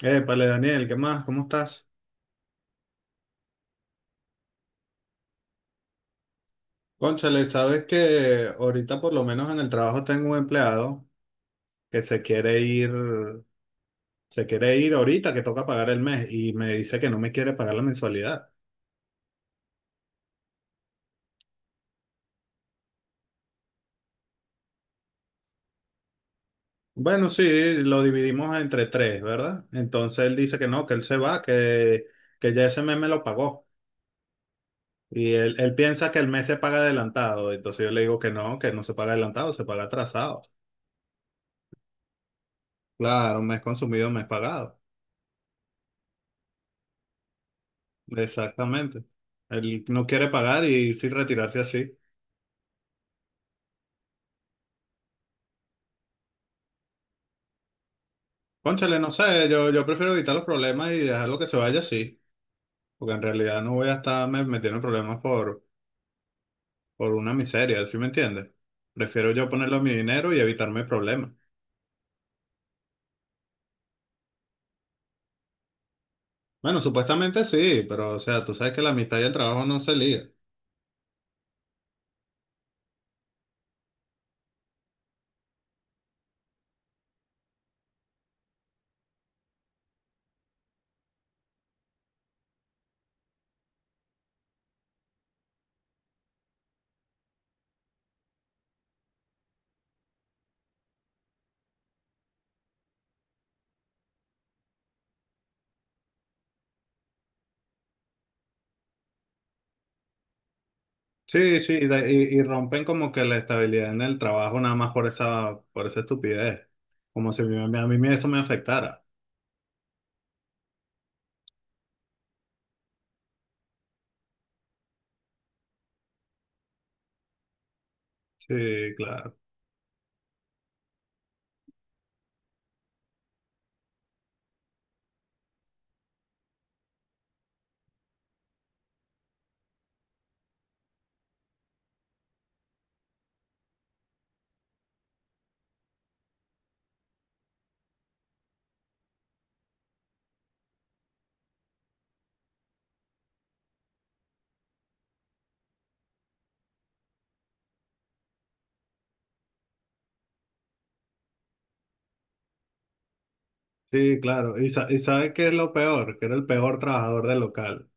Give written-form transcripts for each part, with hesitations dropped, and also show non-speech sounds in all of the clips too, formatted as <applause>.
Épale, Daniel, ¿qué más? ¿Cómo estás? Cónchale, sabes que ahorita por lo menos en el trabajo tengo un empleado que se quiere ir ahorita que toca pagar el mes y me dice que no me quiere pagar la mensualidad. Bueno, sí, lo dividimos entre tres, ¿verdad? Entonces él dice que no, que él se va, que ya ese mes me lo pagó. Y él piensa que el mes se paga adelantado. Entonces yo le digo que no se paga adelantado, se paga atrasado. Claro, mes consumido, mes pagado. Exactamente. Él no quiere pagar y sí retirarse así. Cónchale, no sé, yo prefiero evitar los problemas y dejarlo que se vaya así, porque en realidad no voy a estar metiendo en problemas por una miseria, ¿sí me entiendes? Prefiero yo ponerlo mi dinero y evitarme problemas. Bueno, supuestamente sí, pero o sea, tú sabes que la amistad y el trabajo no se ligan. Sí, sí, y rompen como que la estabilidad en el trabajo nada más por esa estupidez, como si a mí eso me afectara. Sí, claro. Sí, claro. ¿Y sabes qué es lo peor? Que era el peor trabajador del local.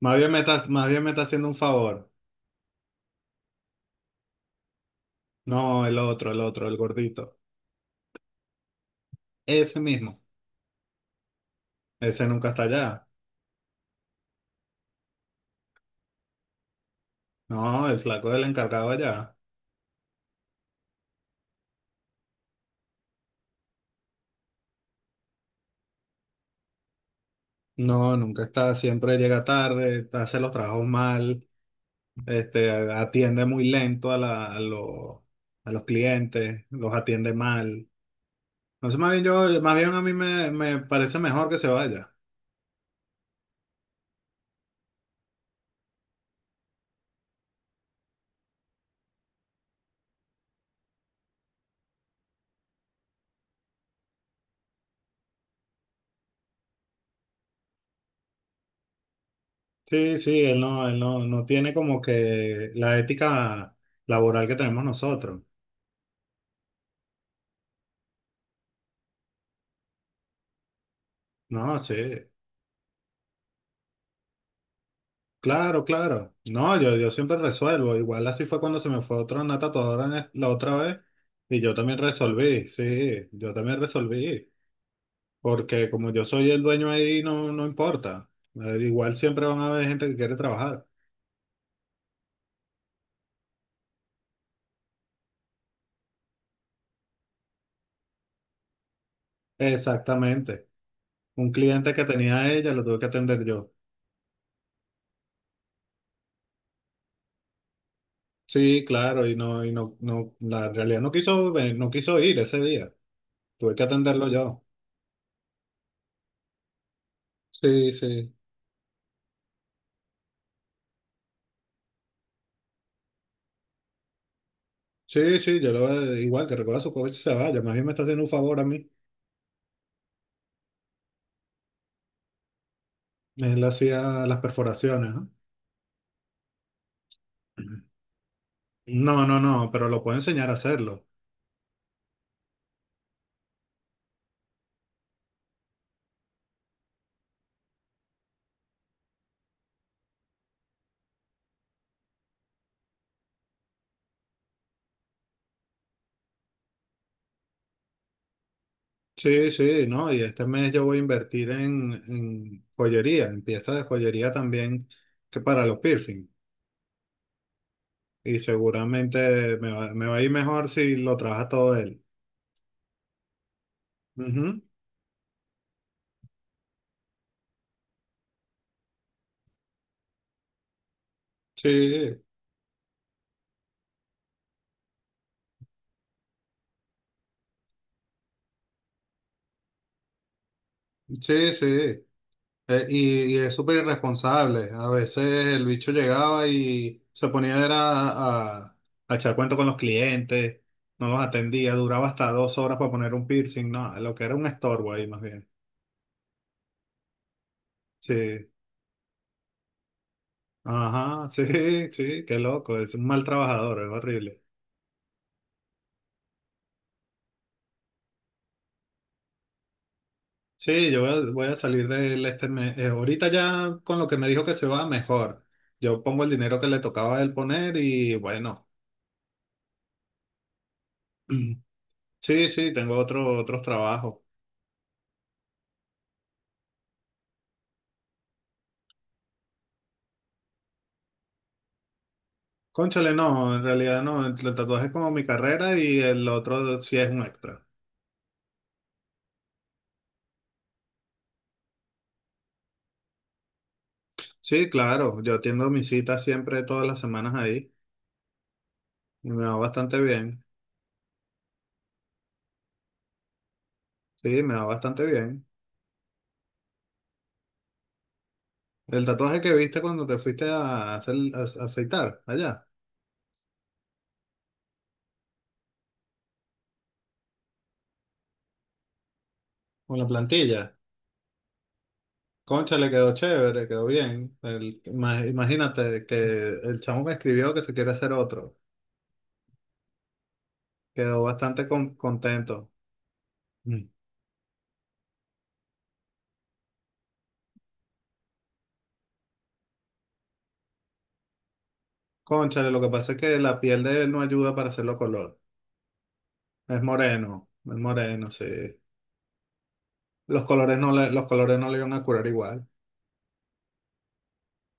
Más bien me está haciendo un favor. No, el otro, el gordito. Ese mismo. Ese nunca está allá. No, el flaco del encargado allá. No, nunca está. Siempre llega tarde, hace los trabajos mal, atiende muy lento a los clientes, los atiende mal. Entonces, más bien a mí me parece mejor que se vaya. Sí, sí, él no tiene como que la ética laboral que tenemos nosotros. No, sí, claro, claro. No, yo siempre resuelvo. Igual así fue cuando se me fue otra una tatuadora en la otra vez y yo también resolví, sí, yo también resolví. Porque como yo soy el dueño ahí, no, no importa. Igual siempre van a haber gente que quiere trabajar. Exactamente. Un cliente que tenía ella lo tuve que atender yo. Sí, claro, y no, la realidad no quiso ir ese día. Tuve que atenderlo yo. Sí, sí. Sí, sí, yo lo igual que recoja su coche y se vaya. Más bien me está haciendo un favor a mí. Él hacía las perforaciones, ¿ah? No, no, no, pero lo puedo enseñar a hacerlo. Sí, sí, no, y este mes yo voy a invertir en, joyería, en piezas de joyería también que para los piercing. Y seguramente me va a ir mejor si lo trabaja todo él. Ujú. Sí, sí, sí. Y es súper irresponsable. A veces el bicho llegaba y se ponía era a, a a echar cuento con los clientes, no los atendía, duraba hasta 2 horas para poner un piercing, no, lo que era un estorbo ahí más bien. Sí, ajá, sí, <laughs> sí, qué loco, es un mal trabajador, es horrible. Sí, yo voy a salir de él este mes. Ahorita ya con lo que me dijo que se va, mejor. Yo pongo el dinero que le tocaba a él poner y bueno, <clears throat> sí, sí, tengo otros trabajos. Cónchale, no, en realidad no. El tatuaje es como mi carrera y el otro sí es un extra. Sí, claro, yo atiendo mis citas siempre todas las semanas ahí y me va bastante bien. Sí, me va bastante bien. El tatuaje que viste cuando te fuiste a afeitar allá, con la plantilla. Cónchale, quedó chévere, quedó bien. Imagínate que el chamo me escribió que se quiere hacer otro. Quedó bastante contento. Mm. Cónchale, lo que pasa es que la piel de él no ayuda para hacerlo color. Es moreno, sí. Los colores no le iban a curar igual.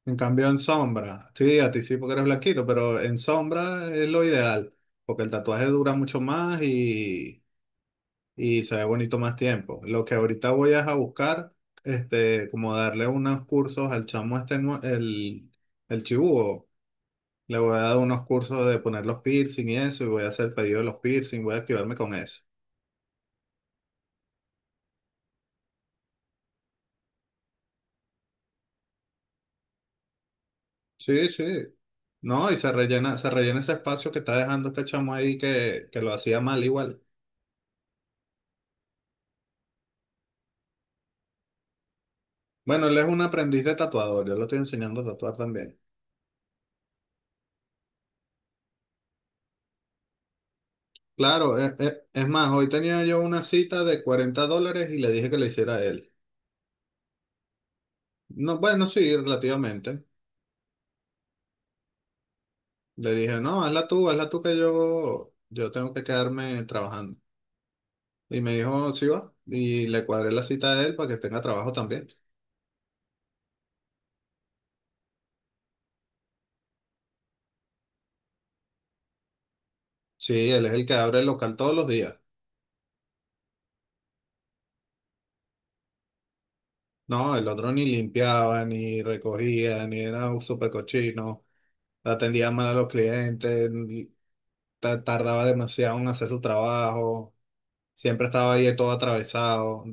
En cambio, en sombra, sí, a ti sí porque eres blanquito, pero en sombra es lo ideal, porque el tatuaje dura mucho más y se ve bonito más tiempo. Lo que ahorita voy es a buscar, como darle unos cursos al chamo este, el chibúo. Le voy a dar unos cursos de poner los piercing y eso, y voy a hacer el pedido de los piercing, voy a activarme con eso. Sí, sí. No, y se rellena ese espacio que está dejando este chamo ahí que lo hacía mal igual. Bueno, él es un aprendiz de tatuador, yo lo estoy enseñando a tatuar también. Claro, es más, hoy tenía yo una cita de $40 y le dije que la hiciera él. No, bueno, sí, relativamente. Le dije, no, hazla tú que yo tengo que quedarme trabajando. Y me dijo, sí va. Y le cuadré la cita a él para que tenga trabajo también. Sí, él es el que abre el local todos los días. No, el otro ni limpiaba, ni recogía, ni era un súper cochino, atendía mal a los clientes, tardaba demasiado en hacer su trabajo, siempre estaba ahí todo atravesado,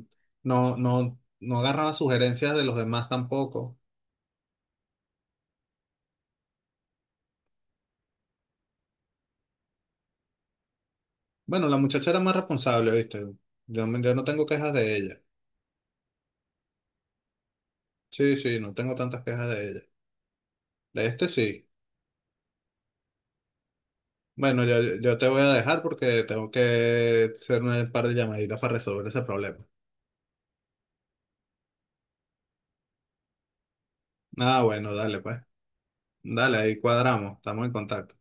no, no, no agarraba sugerencias de los demás tampoco. Bueno, la muchacha era más responsable, ¿viste? Yo no tengo quejas de ella. Sí, sí, no tengo tantas quejas de ella. De este sí. Bueno, yo te voy a dejar porque tengo que hacer un par de llamaditas para resolver ese problema. Ah, bueno, dale, pues. Dale, ahí cuadramos, estamos en contacto.